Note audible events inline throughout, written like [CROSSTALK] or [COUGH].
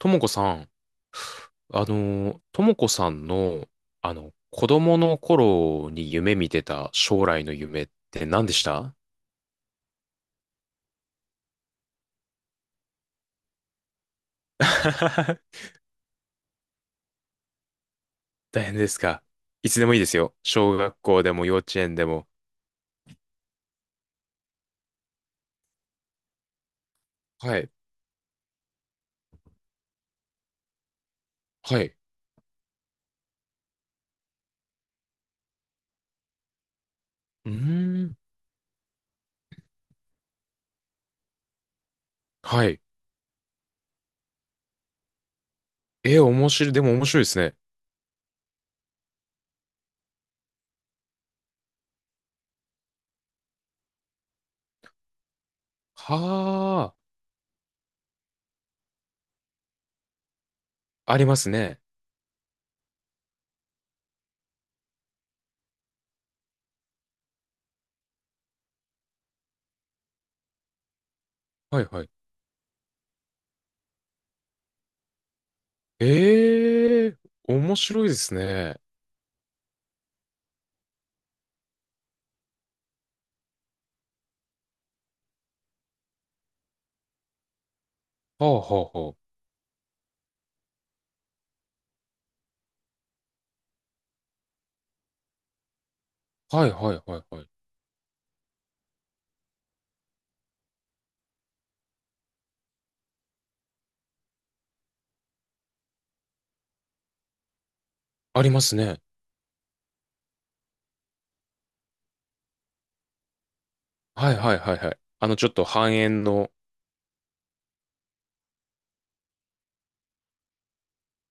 ともこさん、ともこさんの、子供の頃に夢見てた将来の夢って何でした？ [LAUGHS] 大変ですか。いつでもいいですよ。小学校でも幼稚園でも。はい。はい。うーん。はい。えー、面白い。でも面白いですね。はあ、ありますね。はいはい。ええ面白いですね。はあはあはあ。はいはいはいはい。ありますね。はいはいはいはい。ちょっと半円の、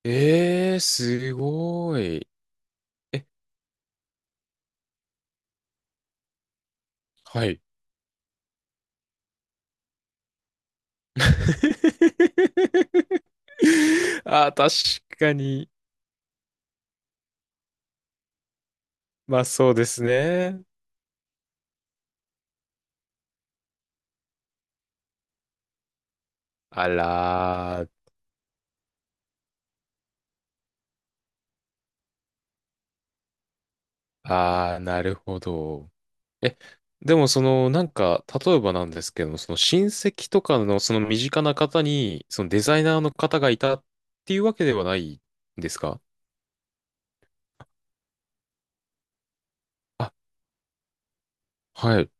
ええー、すごい。え、はい。[LAUGHS] あー、確かに。まあそうですね。あらー、あー、なるほど。え、でもその、なんか、例えばなんですけども、その親戚とかのその身近な方に、そのデザイナーの方がいたっていうわけではないんですか？あ、はい。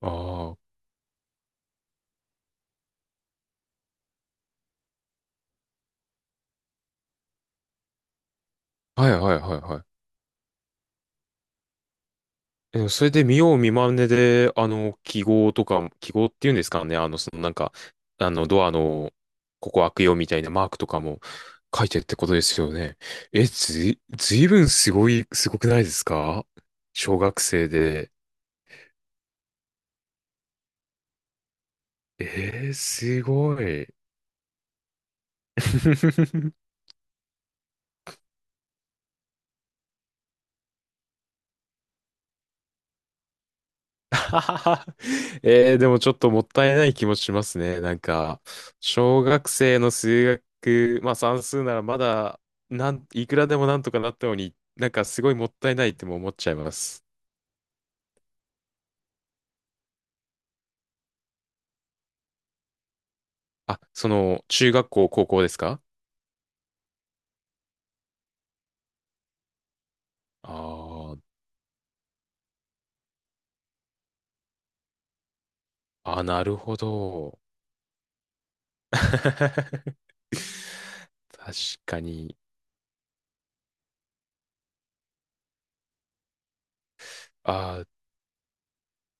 ああ、はいはいはいはい。えでもそれで見よう見まねで、記号とか、記号っていうんですかね、そのなんか、ドアの、ここ開くよみたいなマークとかも書いてってことですよね。え、ずいぶんすごくないですか？小学生で。えー、すごい。[LAUGHS] [LAUGHS] はははえー、でもちょっともったいない気もしますね。なんか、小学生の数学、まあ算数ならまだ、いくらでもなんとかなったのに、なんかすごいもったいないっても思っちゃいます。あ、中学校、高校ですか？あーあ、なるほど。[LAUGHS] 確かに。ああ、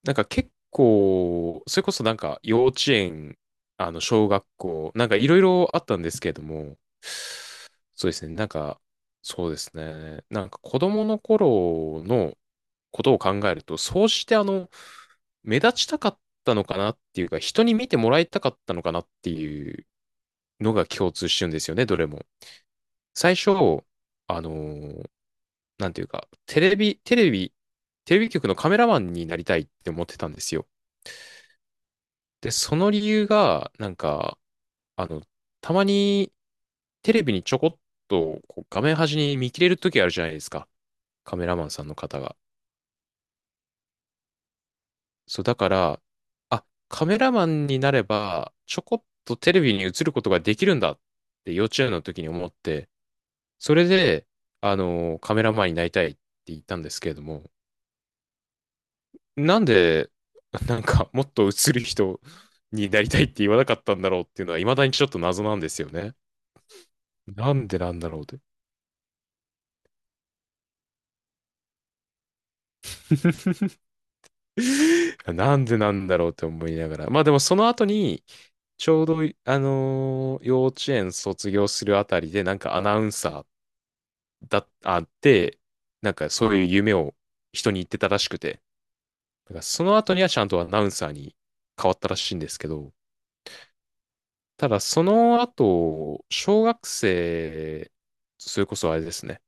なんか結構、それこそなんか幼稚園、あの小学校、なんかいろいろあったんですけれども、そうですね、なんか、そうですね、なんか子供の頃のことを考えると、そうして目立ちたかったのかなっていうか、人に見てもらいたかったのかなっていうのが共通してるんですよね、どれも。最初、あのーなんていうか、テレビ局のカメラマンになりたいって思ってたんですよ。で、その理由が、なんか、あの、たまにテレビにちょこっとこう画面端に見切れる時あるじゃないですか。カメラマンさんの方が。そう、だから、あ、カメラマンになれば、ちょこっとテレビに映ることができるんだって幼稚園の時に思って、それで、カメラマンになりたいって言ったんですけれども、なんで、なんか、もっと映る人になりたいって言わなかったんだろうっていうのは、未だにちょっと謎なんですよね。なんでなんだろうって。[LAUGHS] なんでなんだろうって思いながら。まあでもその後に、ちょうど、幼稚園卒業するあたりで、なんかアナウンサーだ、あって、なんかそういう夢を人に言ってたらしくて、だからその後にはちゃんとアナウンサーに変わったらしいんですけど、ただその後、小学生、それこそあれですね、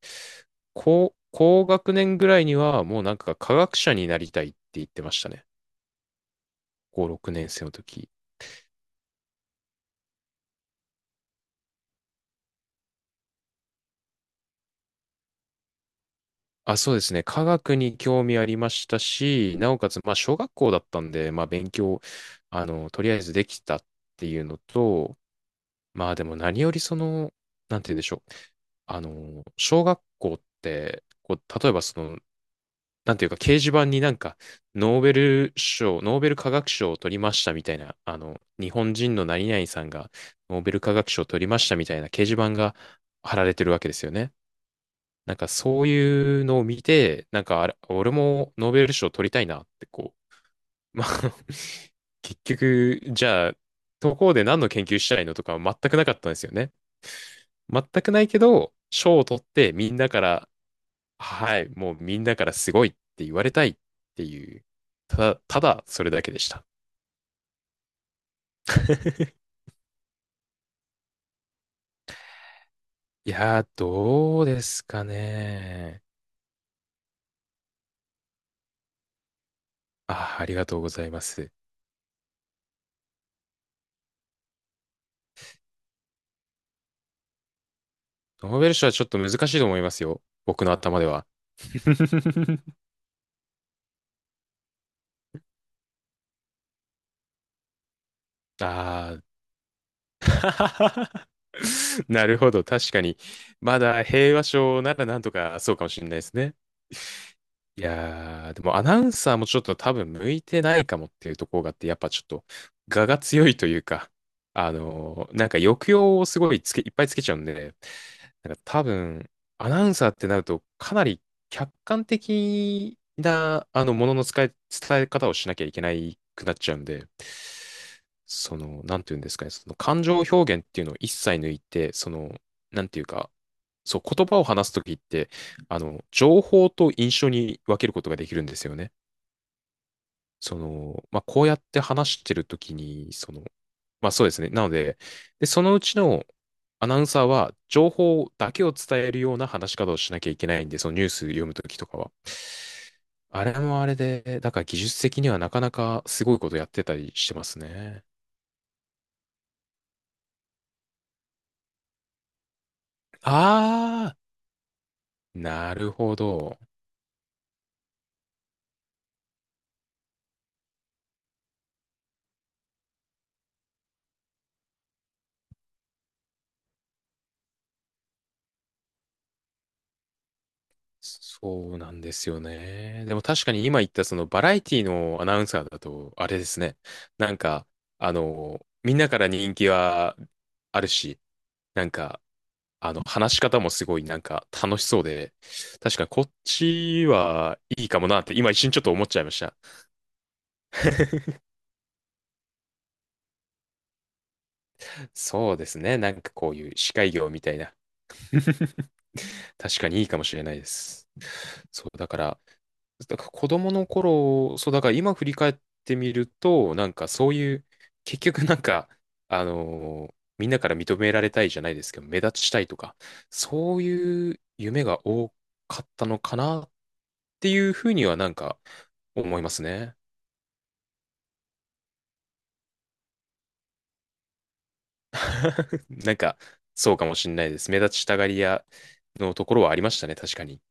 高学年ぐらいにはもうなんか科学者になりたいって言ってましたね。高6年生の時。あ、そうですね。科学に興味ありましたし、なおかつ、まあ、小学校だったんで、まあ、勉強、とりあえずできたっていうのと、まあ、でも何よりその、なんて言うんでしょう。小学校って、こう、例えばその、なんていうか、掲示板になんか、ノーベル賞、ノーベル化学賞を取りましたみたいな、日本人の何々さんが、ノーベル化学賞を取りましたみたいな掲示板が貼られてるわけですよね。なんかそういうのを見て、なんかあれ、俺もノーベル賞取りたいなってこう、まあ [LAUGHS]、結局、じゃあ、どこで何の研究したいのとかは全くなかったんですよね。全くないけど、賞を取ってみんなから、はい、もうみんなからすごいって言われたいっていう、ただそれだけでした。いやー、どうですかね。あー、ありがとうございます。ノーベル賞はちょっと難しいと思いますよ。僕の頭では。[LAUGHS] ああ。[LAUGHS] なるほど。確かに。まだ平和賞ならなんとかそうかもしれないですね。いやー、でもアナウンサーもちょっと多分向いてないかもっていうところがあって、やっぱちょっと、我が強いというか、なんか抑揚をすごいいっぱいつけちゃうんで、なんか多分、アナウンサーってなると、かなり客観的な、ものの伝え方をしなきゃいけないくなっちゃうんで、その、なんていうんですかね、その感情表現っていうのを一切抜いて、その、なんていうか、そう、言葉を話すときって、情報と印象に分けることができるんですよね。その、まあ、こうやって話してるときに、その、まあ、そうですね。なので、で、そのうちのアナウンサーは、情報だけを伝えるような話し方をしなきゃいけないんで、そのニュース読むときとかは。あれもあれで、だから技術的にはなかなかすごいことやってたりしてますね。あー、なるほど。そうなんですよね。でも確かに今言ったそのバラエティのアナウンサーだと、あれですね。なんか、みんなから人気はあるし、なんか、話し方もすごいなんか楽しそうで、確かにこっちはいいかもなって今一瞬ちょっと思っちゃいました。そうですね。なんかこういう司会業みたいな。[LAUGHS] 確かにいいかもしれないです。そう、だから、子供の頃、そう、だから今振り返ってみると、なんかそういう、結局なんか、あのーみんなから認められたいじゃないですけど、目立ちたいとか、そういう夢が多かったのかなっていうふうにはなんか思いますね。[LAUGHS] なんか、そうかもしれないです。目立ちたがり屋のところはありましたね、確かに。